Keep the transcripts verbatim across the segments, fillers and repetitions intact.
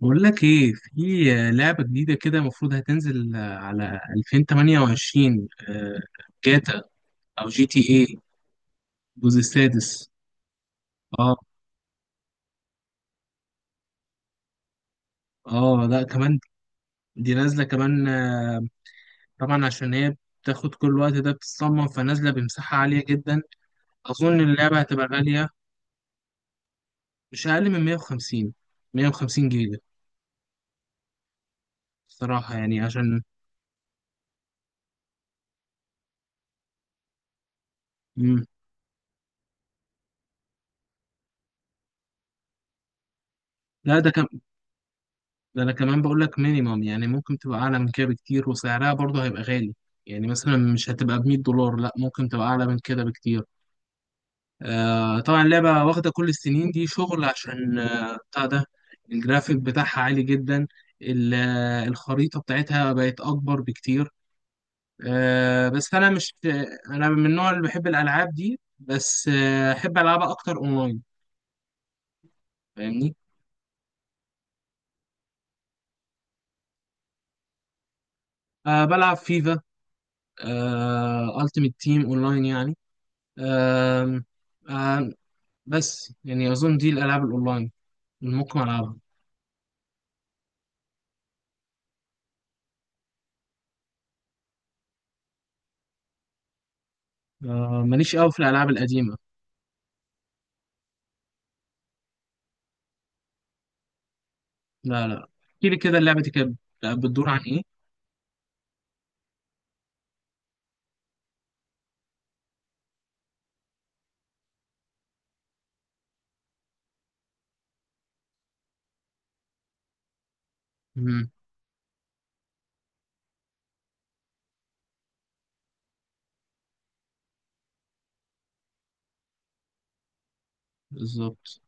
بقول لك ايه، في لعبة جديدة كده المفروض هتنزل على ألفين وثمانية وعشرين. آه، جاتا او جي تي ايه، الجزء السادس. اه، اه لا كمان، دي نازلة كمان. آه، طبعا عشان هي بتاخد كل الوقت ده بتتصمم، فنازلة بمساحة عالية جدا. اظن اللعبة هتبقى غالية، مش اقل من مئة وخمسين، 150 جيجا صراحة. يعني عشان مم. لا، ده كم ده انا كمان بقول لك مينيمم، يعني ممكن تبقى اعلى من كده بكتير، وسعرها برضه هيبقى غالي. يعني مثلا مش هتبقى ب مية دولار، لا، ممكن تبقى اعلى من كده بكتير. آه طبعا اللعبه واخده كل السنين دي شغل، عشان آه بتاع ده، الجرافيك بتاعها عالي جدا. ال- آه، الخريطه بتاعتها بقت اكبر بكتير. آه بس انا مش انا من النوع اللي بحب الالعاب دي، بس آه احب العبها اكتر اونلاين، فاهمني. آه بلعب فيفا، آه التيمت تيم اونلاين يعني. آم، آم، بس يعني أظن دي الألعاب الأونلاين اللي ممكن ألعبها. آه، ماليش قوي في الألعاب القديمة. لا، لا، احكي لي كده اللعبة دي كانت بتدور عن إيه؟ مم، بالظبط.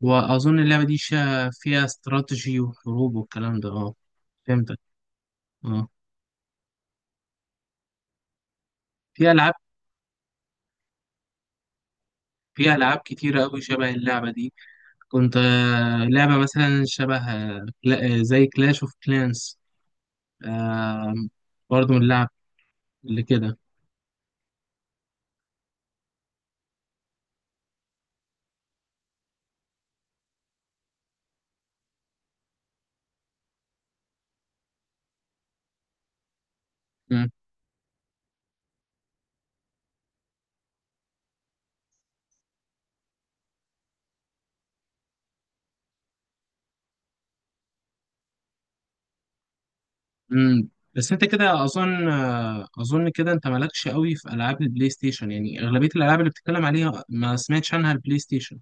وأظن اللعبة دي شا- فيها استراتيجي وحروب والكلام ده، أه. فهمتك. أه، في ألعاب في ألعاب كتيرة أوي شبه اللعبة دي. كنت آه، لعبة مثلا شبه، آه، كلا- آه، زي كلاش أوف كلانس، برضه من اللعب اللي كده. امم. بس انت كده اظن، اظن كده انت مالكش قوي في العاب البلاي ستيشن، يعني اغلبيه الالعاب اللي بتتكلم عليها ما سمعتش عنها البلاي ستيشن.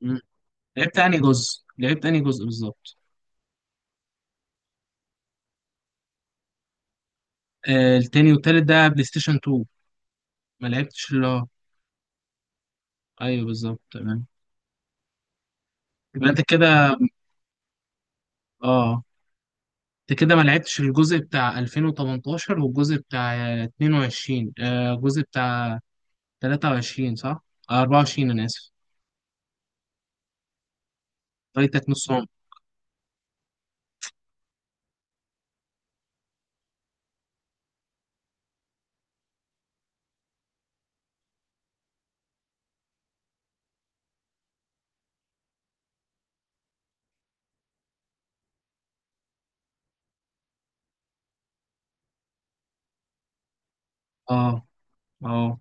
مم. لعبت انهي جزء، لعبت انهي جزء بالظبط؟ آه التاني والتالت ده بلاي ستيشن اتنين؟ ما لعبتش اللي هو. ايوه بالظبط، تمام. يبقى انت كده، اه، انت كده ما لعبتش الجزء بتاع ألفين وتمنتاشر والجزء بتاع اتنين وعشرين، آه الجزء بتاع تلاتة وعشرين، صح؟ آه أربعة وعشرين، انا اسف. فايتك نص عمر. اه، اه.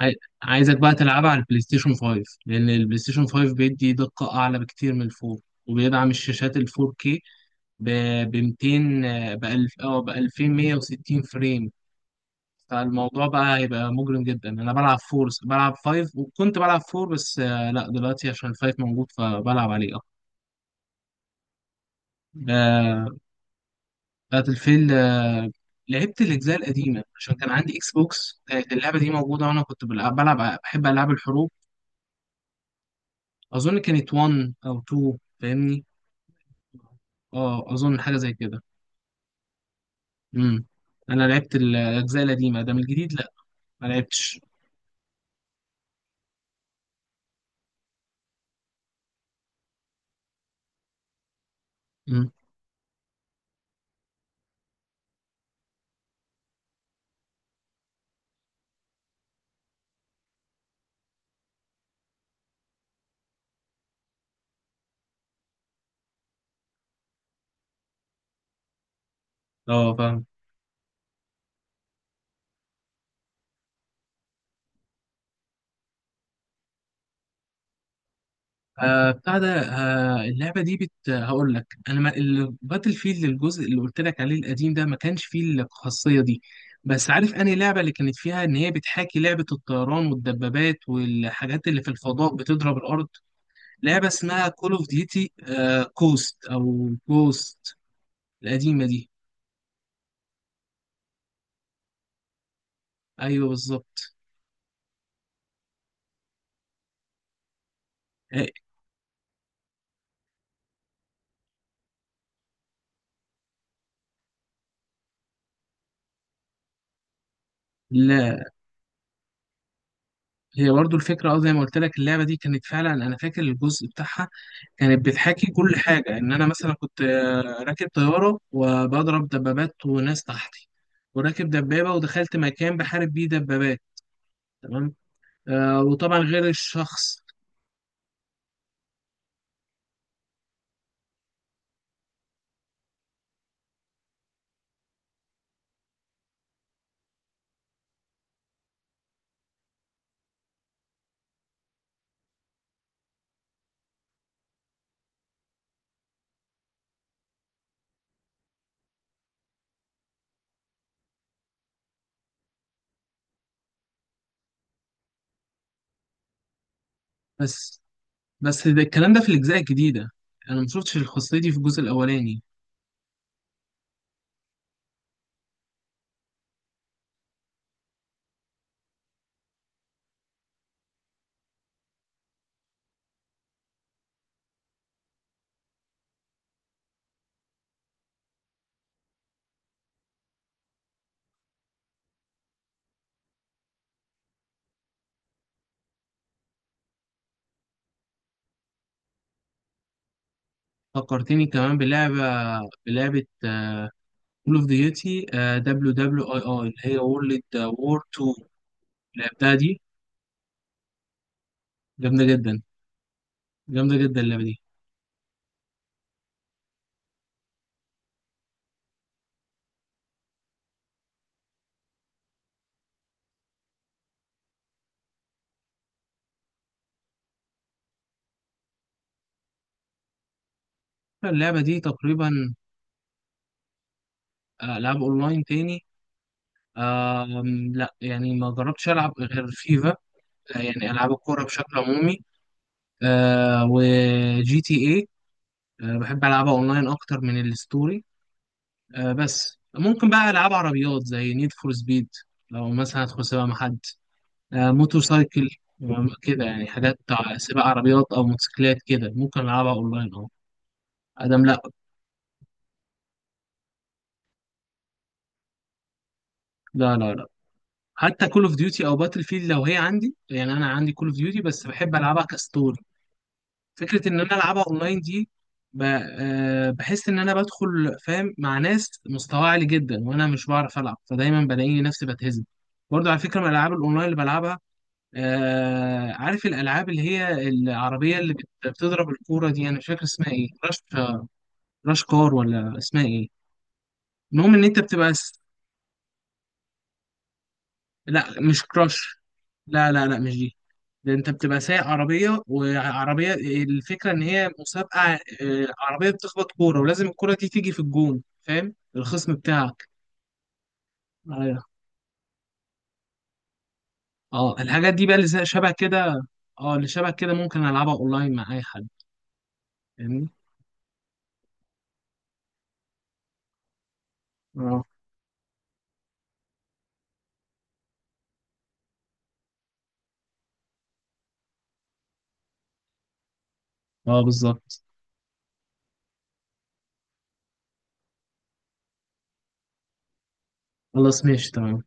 عاي- عايزك بقى تلعبها على البلاي ستيشن فايف، لان البلاي ستيشن فايف بيدي دقة اعلى بكتير من الفور، وبيدعم الشاشات ال فور كيه، ب، ب ميتين، ب ألف او ب ألفين ومية وستين فريم. فالموضوع بقى هيبقى مجرم جدا. انا بلعب فور، بلعب فايف، وكنت بلعب فور بس. آه، لا دلوقتي عشان الفايف موجود فبلعب عليه اكتر. آه، باتل فيلد، آه، لعبت الاجزاء القديمه عشان كان عندي اكس بوكس، كانت اللعبه دي موجوده، وانا كنت بلعب, بلعب، بحب العاب الحروب. اظن كانت واحد او اتنين، فاهمني. اه اظن حاجه زي كده. امم. انا لعبت الاجزاء القديمه، ده من الجديد لا، ما لعبتش. امم. اه فاهم. آه بتاع ده، آه اللعبه دي بت هقول لك انا، ما الباتل فيلد الجزء اللي قلت لك عليه القديم ده ما كانش فيه الخاصيه دي. بس عارف انهي لعبه اللي كانت فيها ان هي بتحاكي لعبه الطيران والدبابات والحاجات اللي في الفضاء بتضرب الارض، لعبه اسمها كول اوف ديوتي. كوست او كوست، القديمه دي. ايوه بالظبط. هي برضو الفكرة، اه زي ما قلت لك، اللعبة دي كانت فعلا. أنا فاكر الجزء بتاعها كانت بتحاكي كل حاجة، إن أنا مثلا كنت آه، راكب طيارة وبضرب دبابات وناس تحتي، وراكب دبابة ودخلت مكان بحارب بيه دبابات. تمام. آه وطبعا غير الشخص. بس بس ده الكلام ده في الأجزاء الجديدة، أنا مشوفتش الخاصية دي في الجزء الأولاني. فكرتني كمان بلعبة، بلعبة كول اوف ديوتي دبليو دبليو اي اي، اللي هي وورلد وور تو، لعبتها دي. جامدة جدا، جامدة جدا اللعبة دي. اللعبة دي تقريبا. آه، ألعاب أونلاين تاني؟ آم، لا يعني ما جربتش ألعب غير فيفا، آه، يعني ألعاب الكورة بشكل عمومي، آه، وجي تي إيه، آه، بحب ألعبها أونلاين أكتر من الستوري. آه، بس ممكن بقى ألعاب عربيات زي نيد فور سبيد، لو مثلا أدخل سباق مع حد. آه، موتور سايكل، آه، كده يعني حاجات ع- سباق عربيات أو موتوسيكلات كده، ممكن ألعبها أونلاين، أه. أدم لا. لا، لا، لا. حتى كول اوف ديوتي او باتل فيلد لو هي عندي، يعني انا عندي كول اوف ديوتي بس بحب العبها كستوري. فكره ان انا العبها اونلاين دي، ب- آه، بحس ان انا بدخل فاهم مع ناس مستواها عالي جدا، وانا مش بعرف العب، فدايما بلاقيني نفسي بتهزم. برضو على فكره، من الالعاب الاونلاين اللي بلعبها، آه عارف الالعاب اللي هي العربيه اللي بت- بتضرب الكوره دي، انا مش فاكر اسمها ايه، راش؟ راش كار؟ ولا اسمها ايه؟ المهم ان انت بتبقى س- لا مش كراش، لا، لا، لا مش دي. ده انت بتبقى سايق عربيه، وعربيه الفكره ان هي مسابقه، آه، عربيه بتخبط كوره ولازم الكوره دي تيجي في الجون، فاهم، الخصم بتاعك. ايوه. اه، الحاجات دي بقى اللي زي- شبه كده. اه اللي شبه كده ممكن العبها اونلاين مع اي حد، فاهمني. اه، اه بالظبط. خلاص، ماشي، تمام.